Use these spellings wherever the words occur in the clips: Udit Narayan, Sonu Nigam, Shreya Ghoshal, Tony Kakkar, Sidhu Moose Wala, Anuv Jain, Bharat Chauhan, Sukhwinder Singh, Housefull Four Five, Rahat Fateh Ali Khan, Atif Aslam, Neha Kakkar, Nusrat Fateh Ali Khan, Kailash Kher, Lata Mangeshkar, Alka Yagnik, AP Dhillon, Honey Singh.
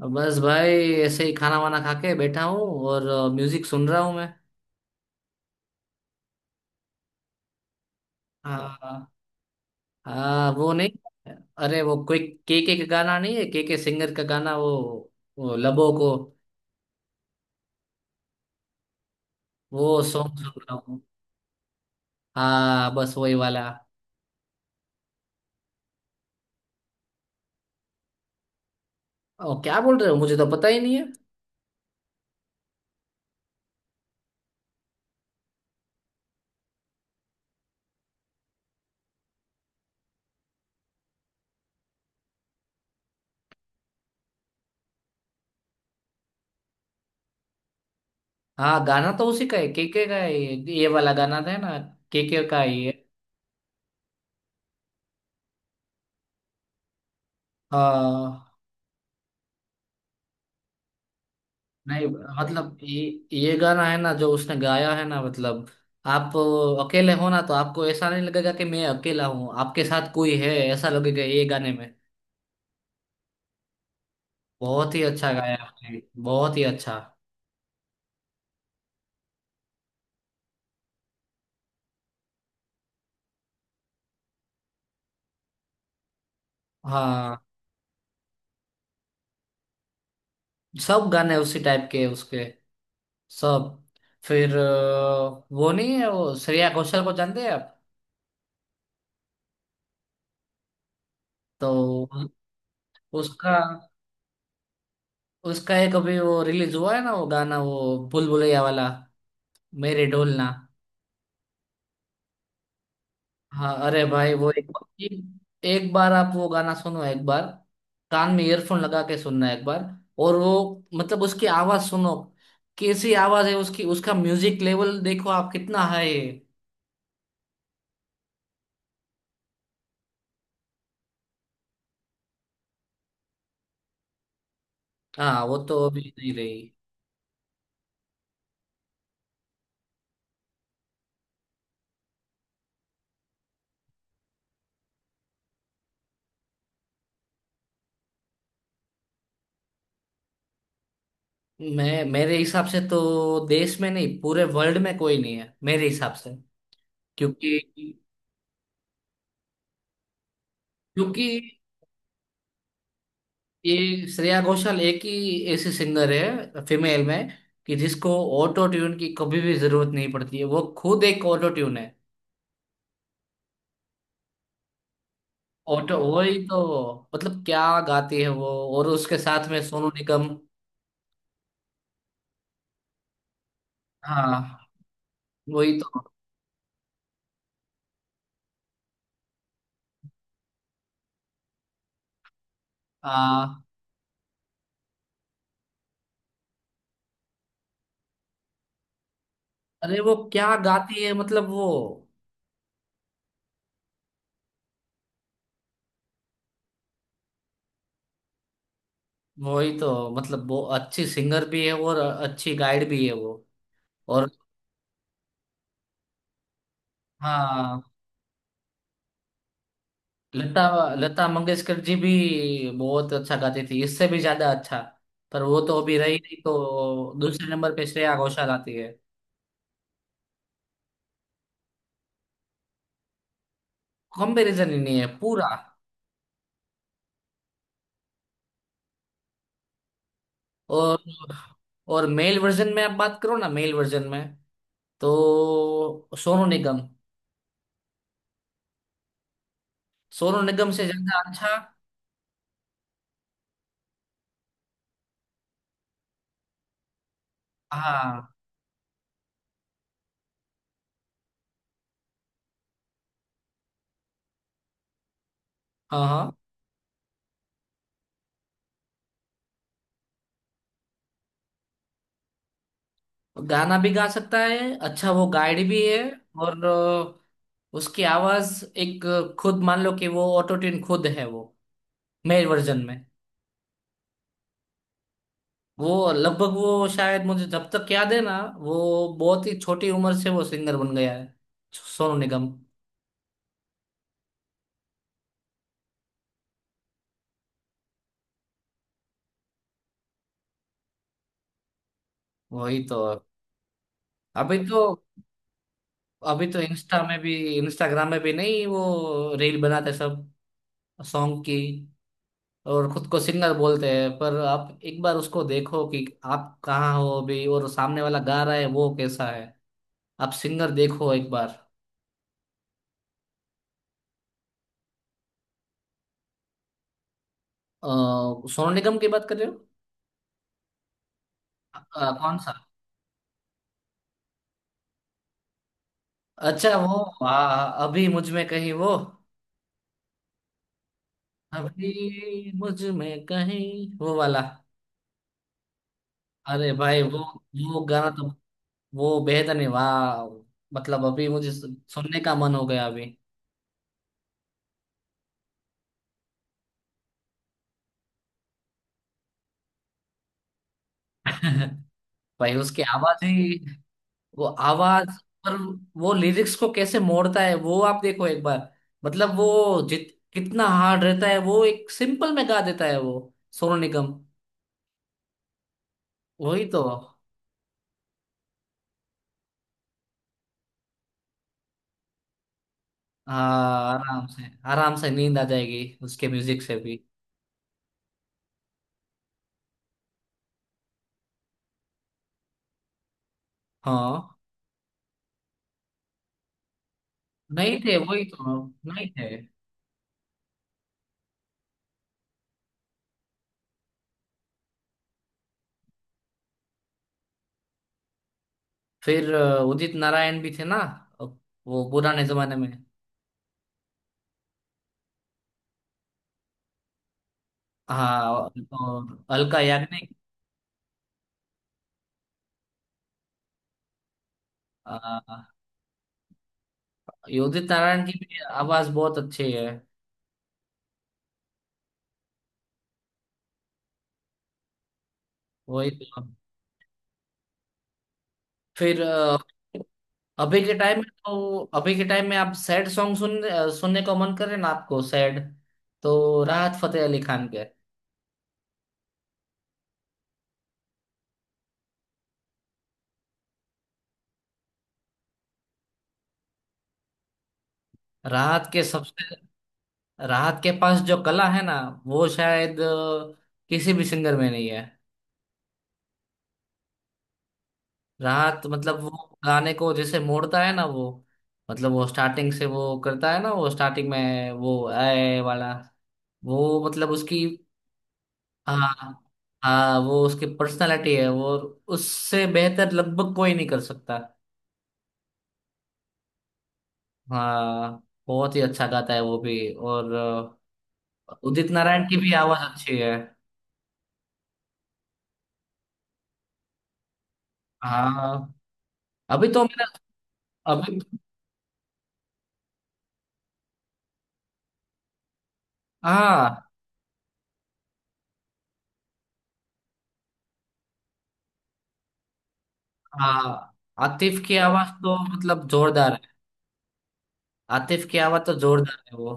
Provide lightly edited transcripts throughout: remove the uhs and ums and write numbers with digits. तो बस भाई ऐसे ही खाना वाना खा के बैठा हूँ और म्यूजिक सुन रहा हूँ मैं। हाँ। हाँ वो नहीं। अरे वो कोई के का गाना नहीं है, के सिंगर का गाना। वो लबो को, वो सॉन्ग सुन रहा हूँ। हाँ बस वही वाला। क्या बोल रहे हो, मुझे तो पता ही नहीं है। हाँ गाना तो उसी का है, के का है, ये वाला गाना था ना, के का ही है। हाँ। नहीं, मतलब ये गाना है ना जो उसने गाया है ना, मतलब आप अकेले हो ना, तो आपको ऐसा नहीं लगेगा कि मैं अकेला हूँ, आपके साथ कोई है ऐसा लगेगा ये गाने में। बहुत ही अच्छा गाया आपने, बहुत ही अच्छा। हाँ सब गाने उसी टाइप के हैं उसके, सब। फिर वो नहीं है वो, श्रेया घोषाल को जानते हैं आप? तो उसका उसका एक अभी वो रिलीज हुआ है ना, वो गाना, वो भूल भुलैया वाला, मेरे ढोलना। हाँ अरे भाई वो एक, एक बार आप वो गाना सुनो एक बार, कान में ईयरफोन लगा के सुनना एक बार। और वो, मतलब उसकी आवाज सुनो, कैसी आवाज है उसकी, उसका म्यूजिक लेवल देखो आप कितना हाई है। हाँ वो तो अभी नहीं रही। मैं, मेरे हिसाब से तो देश में नहीं, पूरे वर्ल्ड में कोई नहीं है मेरे हिसाब से। क्योंकि क्योंकि ये श्रेया घोषाल एक ही ऐसी सिंगर है फीमेल में, कि जिसको ऑटो ट्यून की कभी भी जरूरत नहीं पड़ती है, वो खुद एक ऑटो ट्यून है। ऑटो वही तो, मतलब क्या गाती है वो। और उसके साथ में सोनू निगम। हाँ वही तो। आ, अरे वो क्या गाती है, मतलब वो, वही तो। मतलब वो अच्छी सिंगर भी है और अच्छी गाइड भी है वो। और हाँ, लता लता मंगेशकर जी भी बहुत अच्छा गाती थी, इससे भी ज्यादा अच्छा। पर वो तो अभी रही नहीं, तो दूसरे नंबर पे श्रेया घोषाल आती है। कंपैरिजन ही नहीं है पूरा। और और मेल वर्जन में आप बात करो ना, मेल वर्जन में तो सोनू निगम, सोनू निगम से ज्यादा अच्छा। हाँ हाँ। हाँ गाना भी गा सकता है। अच्छा वो गाइड भी है। और उसकी आवाज एक, खुद मान लो कि वो ऑटो ट्यून खुद है वो, मेल वर्जन में। वो लगभग वो शायद मुझे जब तक याद है ना, वो बहुत ही छोटी उम्र से वो सिंगर बन गया है, सोनू निगम। वही तो। अभी तो, अभी तो इंस्टा में भी, इंस्टाग्राम में भी नहीं, वो रील बनाते सब सॉन्ग की और खुद को सिंगर बोलते हैं। पर आप एक बार उसको देखो कि आप कहाँ हो अभी, और सामने वाला गा रहा है वो कैसा है। आप सिंगर देखो एक बार। अ, सोनू निगम की बात कर रहे हो? अ, कौन सा? अच्छा वो, हाँ हाँ, अभी मुझ में कहीं वो, अभी मुझ में कहीं वो वाला। अरे भाई वो गाना तो, वो बेहद, नहीं वाह, मतलब अभी मुझे सुनने का मन हो गया अभी। भाई उसकी आवाज ही, वो आवाज। पर वो लिरिक्स को कैसे मोड़ता है वो, आप देखो एक बार। मतलब वो, जित कितना हार्ड रहता है, वो एक सिंपल में गा देता है वो सोनू निगम। वही तो। हाँ आराम से। आराम से नींद आ जाएगी उसके म्यूजिक से भी। हाँ नहीं थे, वही तो, नहीं थे। फिर उदित नारायण भी थे ना, अ, वो पुराने जमाने में। हाँ और अलका याग्निक। अ, ये उदित नारायण की भी आवाज बहुत अच्छी है। वही तो। फिर अभी के टाइम में तो, अभी के टाइम में आप सैड सॉन्ग सुन, सुनने को मन करे ना आपको सैड, तो राहत फतेह अली खान के। राहत के सबसे, राहत के पास जो कला है ना, वो शायद किसी भी सिंगर में नहीं है। राहत मतलब वो गाने को जैसे मोड़ता है ना वो, मतलब वो स्टार्टिंग से वो करता है ना, वो स्टार्टिंग में वो आए वाला, वो मतलब उसकी। हाँ। हाँ वो उसकी पर्सनालिटी है वो, उससे बेहतर लगभग कोई नहीं कर सकता। हाँ बहुत ही अच्छा गाता है वो भी। और उदित नारायण की भी आवाज अच्छी है। हाँ। अभी तो मेरा, अभी। हाँ। हाँ आतिफ की आवाज तो मतलब जोरदार है, आतिफ की आवाज तो जोरदार है वो।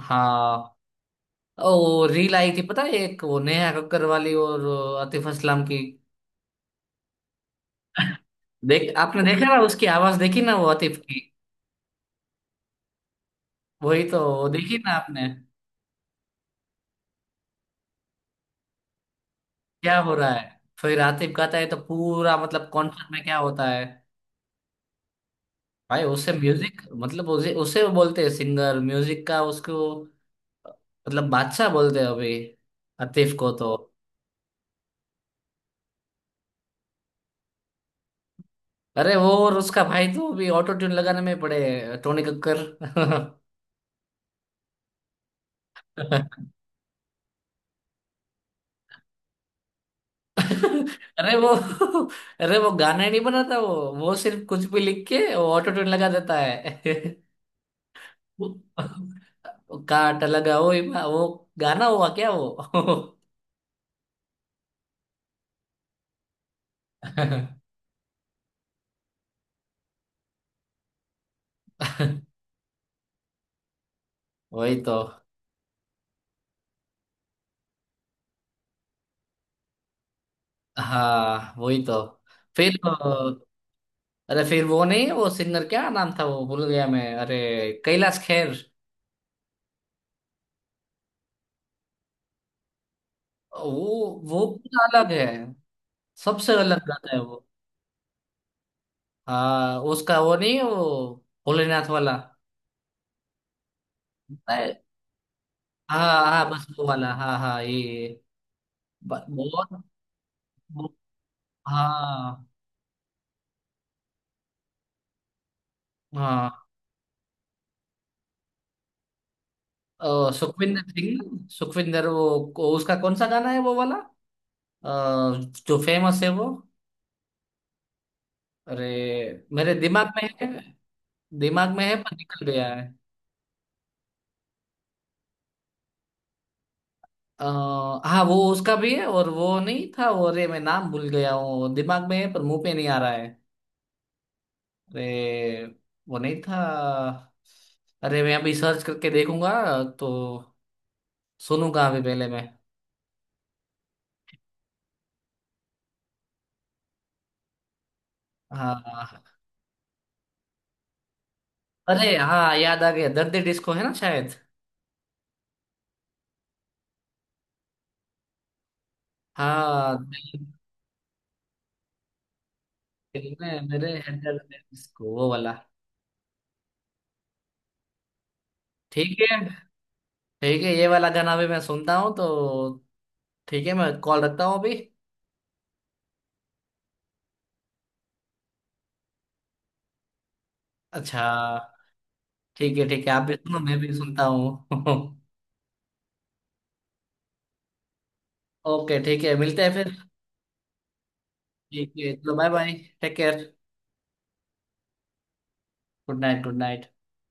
हाँ। ओ रील आई थी पता है एक, वो नेहा कक्कर वाली और आतिफ असलम की। देख, आपने देखा ना उसकी आवाज, देखी ना वो आतिफ की। वही तो, वो देखी ना आपने। क्या हो रहा है। फिर आतिफ गाता है तो पूरा मतलब कॉन्सर्ट में क्या होता है। भाई उससे म्यूजिक, मतलब उसे उसे वो बोलते हैं सिंगर म्यूजिक का उसको, मतलब बादशाह बोलते हैं अभी आतिफ को तो। अरे वो और उसका भाई तो अभी ऑटो ट्यून लगाने में पड़े हैं, टोनी कक्कर। अरे वो, अरे वो गाना नहीं बनाता वो सिर्फ कुछ भी लिख के वो ऑटो ट्यून लगा देता है। वो वो काट लगा वो वो गाना हुआ क्या वो। वही तो। हाँ वही तो। फिर अरे फिर वो नहीं, वो सिंगर क्या नाम था, वो भूल गया मैं। अरे कैलाश खेर। वो पूरा अलग है, सबसे अलग गाता है वो। हाँ उसका वो नहीं, वो भोलेनाथ वाला। हाँ हाँ बस वो वाला, हाँ हाँ ये, बहुत। वो-, हाँ। हाँ सुखविंदर सिंह ना? सुखविंदर वो उसका कौन सा गाना है वो वाला, अ, जो फेमस है वो। अरे मेरे दिमाग में है, दिमाग में है पर निकल गया है। अ, हाँ वो उसका भी है, और वो नहीं था वो, अरे मैं नाम भूल गया हूँ, दिमाग में है पर मुंह पे नहीं आ रहा है। अरे वो नहीं था। अरे मैं अभी सर्च करके देखूंगा तो सुनूंगा अभी पहले मैं। हाँ हाँ, हाँ। अरे हाँ याद आ गया, दर्द डिस्को है ना शायद। हाँ दिल में मेरे है दर्द डिस्को, वो वाला। ठीक है, ठीक है ये वाला गाना भी मैं सुनता हूँ तो। ठीक है मैं कॉल रखता हूँ अभी। अच्छा ठीक है। ठीक है आप भी सुनो, मैं भी सुनता हूँ। ओके ठीक है, मिलते हैं फिर। ठीक है चलो, bye bye. Take care. Good night. Good night.